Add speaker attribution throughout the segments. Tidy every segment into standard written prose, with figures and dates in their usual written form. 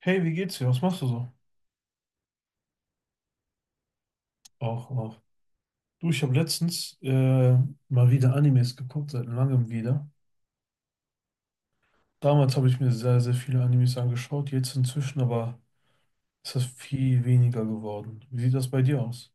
Speaker 1: Hey, wie geht's dir? Was machst du so? Auch, auch. Du, ich habe letztens mal wieder Animes geguckt, seit langem wieder. Damals habe ich mir sehr, sehr viele Animes angeschaut, jetzt inzwischen aber ist das viel weniger geworden. Wie sieht das bei dir aus?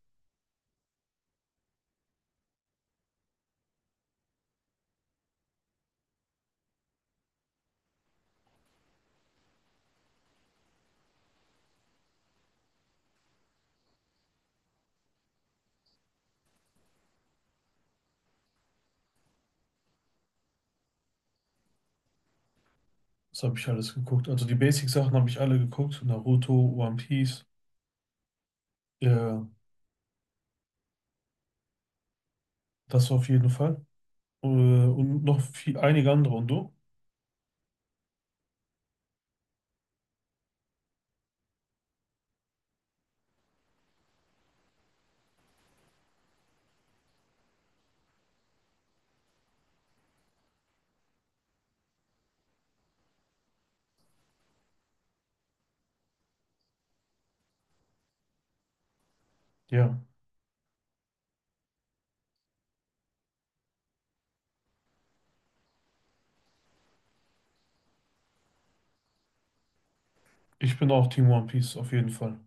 Speaker 1: Was habe ich alles geguckt? Also die Basic-Sachen habe ich alle geguckt: Naruto, One Piece, äh, das auf jeden Fall. Und noch viel, einige andere. Und du? Ja, ich bin auch Team One Piece, auf jeden Fall.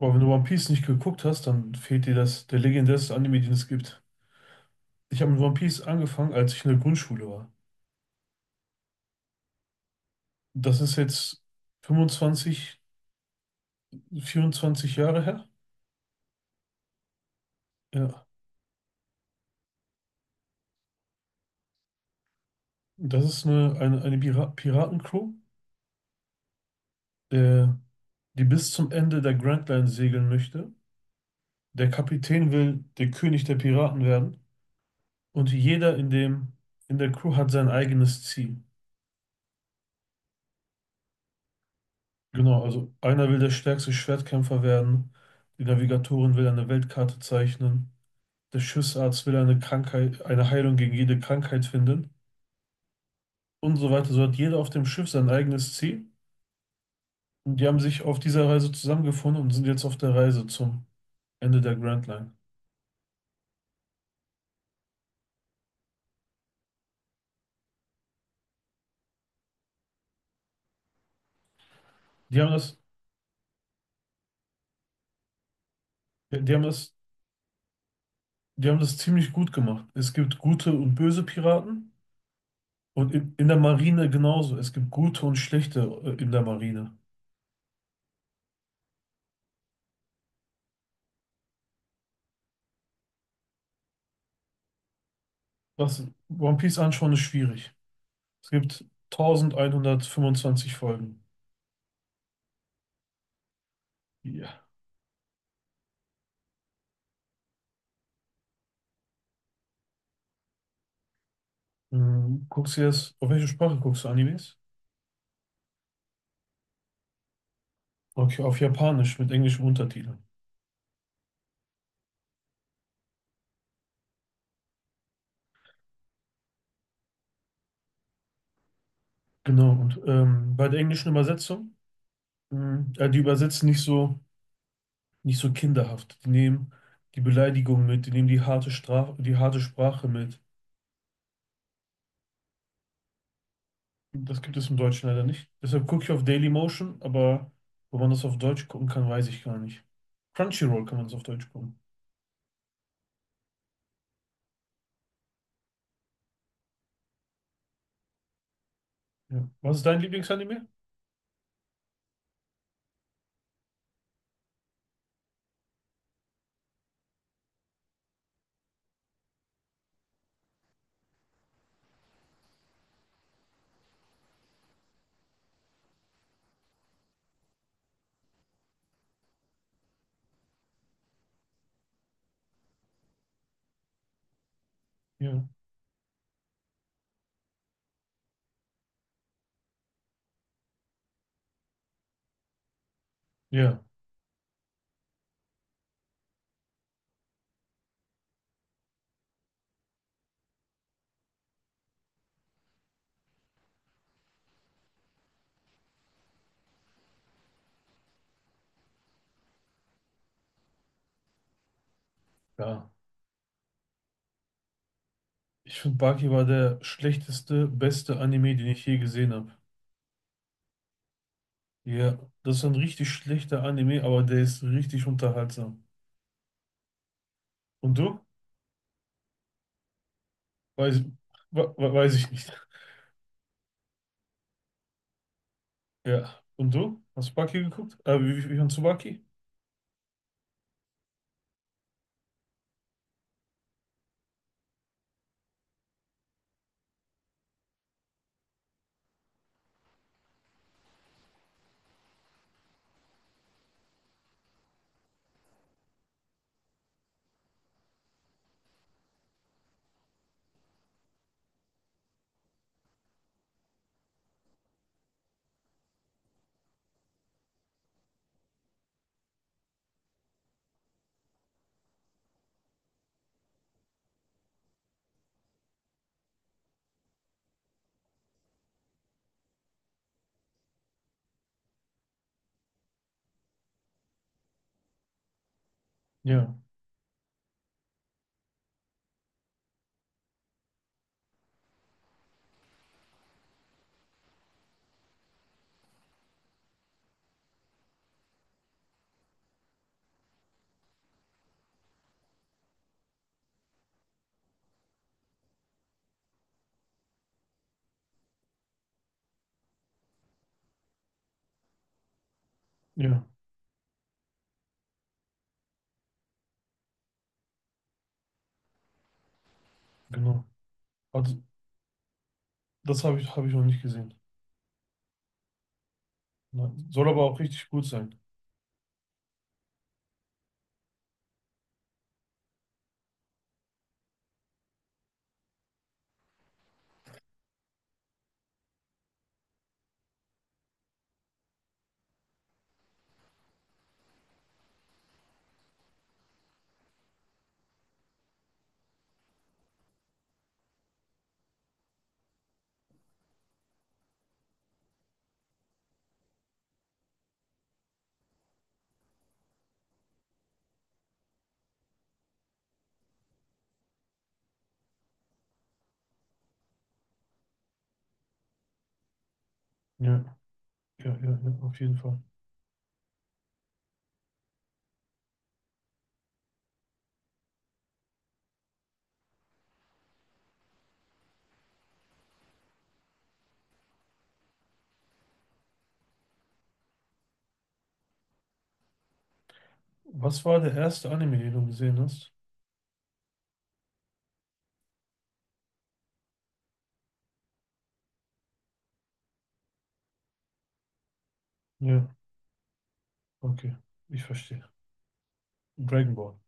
Speaker 1: Aber wenn du One Piece nicht geguckt hast, dann fehlt dir das, der legendärste Anime, den es gibt. Ich habe mit One Piece angefangen, als ich in der Grundschule war. Das ist jetzt 25, 24 Jahre her. Ja, das ist eine Pira Piratencrew, der, die bis zum Ende der Grand Line segeln möchte. Der Kapitän will der König der Piraten werden und jeder in der Crew hat sein eigenes Ziel. Genau, also einer will der stärkste Schwertkämpfer werden, die Navigatorin will eine Weltkarte zeichnen, der Schiffsarzt will eine Krankheit, eine Heilung gegen jede Krankheit finden und so weiter. So hat jeder auf dem Schiff sein eigenes Ziel. Und die haben sich auf dieser Reise zusammengefunden und sind jetzt auf der Reise zum Ende der Grand Line. Die haben das, die haben das, die haben das ziemlich gut gemacht. Es gibt gute und böse Piraten und in der Marine genauso. Es gibt gute und schlechte in der Marine. Was One Piece anschauen ist schwierig. Es gibt 1125 Folgen. Ja. Hm, guckst du jetzt, auf welche Sprache guckst du Animes? Okay, auf Japanisch mit englischem Untertitel. Genau, und bei der englischen Übersetzung, die übersetzen nicht so, nicht so kinderhaft. Die nehmen die Beleidigung mit, die nehmen die harte Straf die harte Sprache mit. Das gibt es im Deutschen leider nicht. Deshalb gucke ich auf Dailymotion, aber wo man das auf Deutsch gucken kann, weiß ich gar nicht. Crunchyroll kann man es auf Deutsch gucken. Ja. Was ist dein Lieblingsanime? Ja. Ja, ja. Ich finde, Baki war der schlechteste, beste Anime, den ich je gesehen habe. Ja, das ist ein richtig schlechter Anime, aber der ist richtig unterhaltsam. Und du? Weiß, weiß ich nicht. Ja. Und du? Hast du Baki geguckt? Wie, wie von Tsubaki? Ja, ja, genau. Also, habe ich noch nicht gesehen. Nein. Soll aber auch richtig gut sein. Ja, ja, ja, ja, auf jeden Fall. Was war der erste Anime, den du gesehen hast? Ja, okay, ich verstehe. Dragon Ball.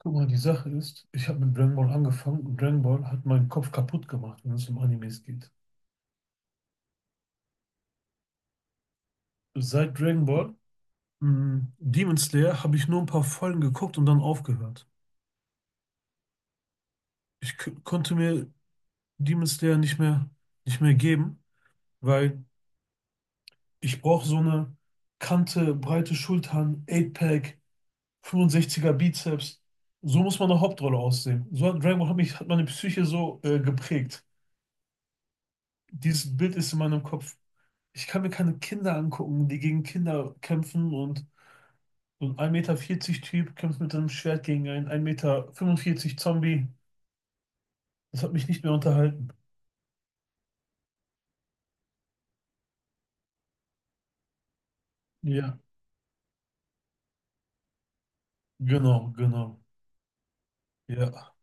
Speaker 1: Guck mal, die Sache ist, ich habe mit Dragon Ball angefangen und Dragon Ball hat meinen Kopf kaputt gemacht, wenn es um Animes geht. Seit Dragon Ball, Demon Slayer, habe ich nur ein paar Folgen geguckt und dann aufgehört. Konnte mir Demon Slayer nicht mehr geben, weil ich brauche so eine Kante, breite Schultern, 8-Pack, 65er Bizeps. So muss man eine Hauptrolle aussehen. So hat Dragon Ball hat mich, hat meine Psyche so geprägt. Dieses Bild ist in meinem Kopf. Ich kann mir keine Kinder angucken, die gegen Kinder kämpfen, und so ein 1,40 Meter Typ kämpft mit einem Schwert gegen einen 1,45 Meter Zombie. Das hat mich nicht mehr unterhalten. Ja, genau, genau. Ja.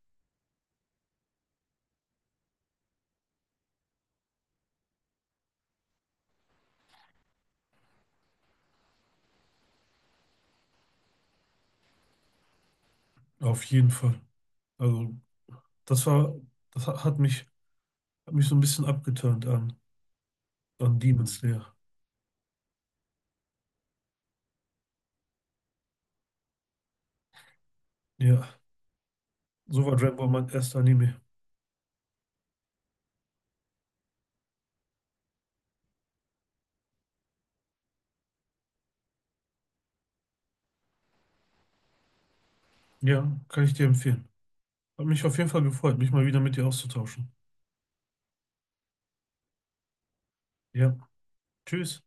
Speaker 1: Auf jeden Fall. Also, das war, das ha- hat mich so ein bisschen abgeturnt an Demon Slayer. Ja, so war Dragon Ball mein erster Anime. Ja, kann ich dir empfehlen. Hat mich auf jeden Fall gefreut, mich mal wieder mit dir auszutauschen. Ja, tschüss.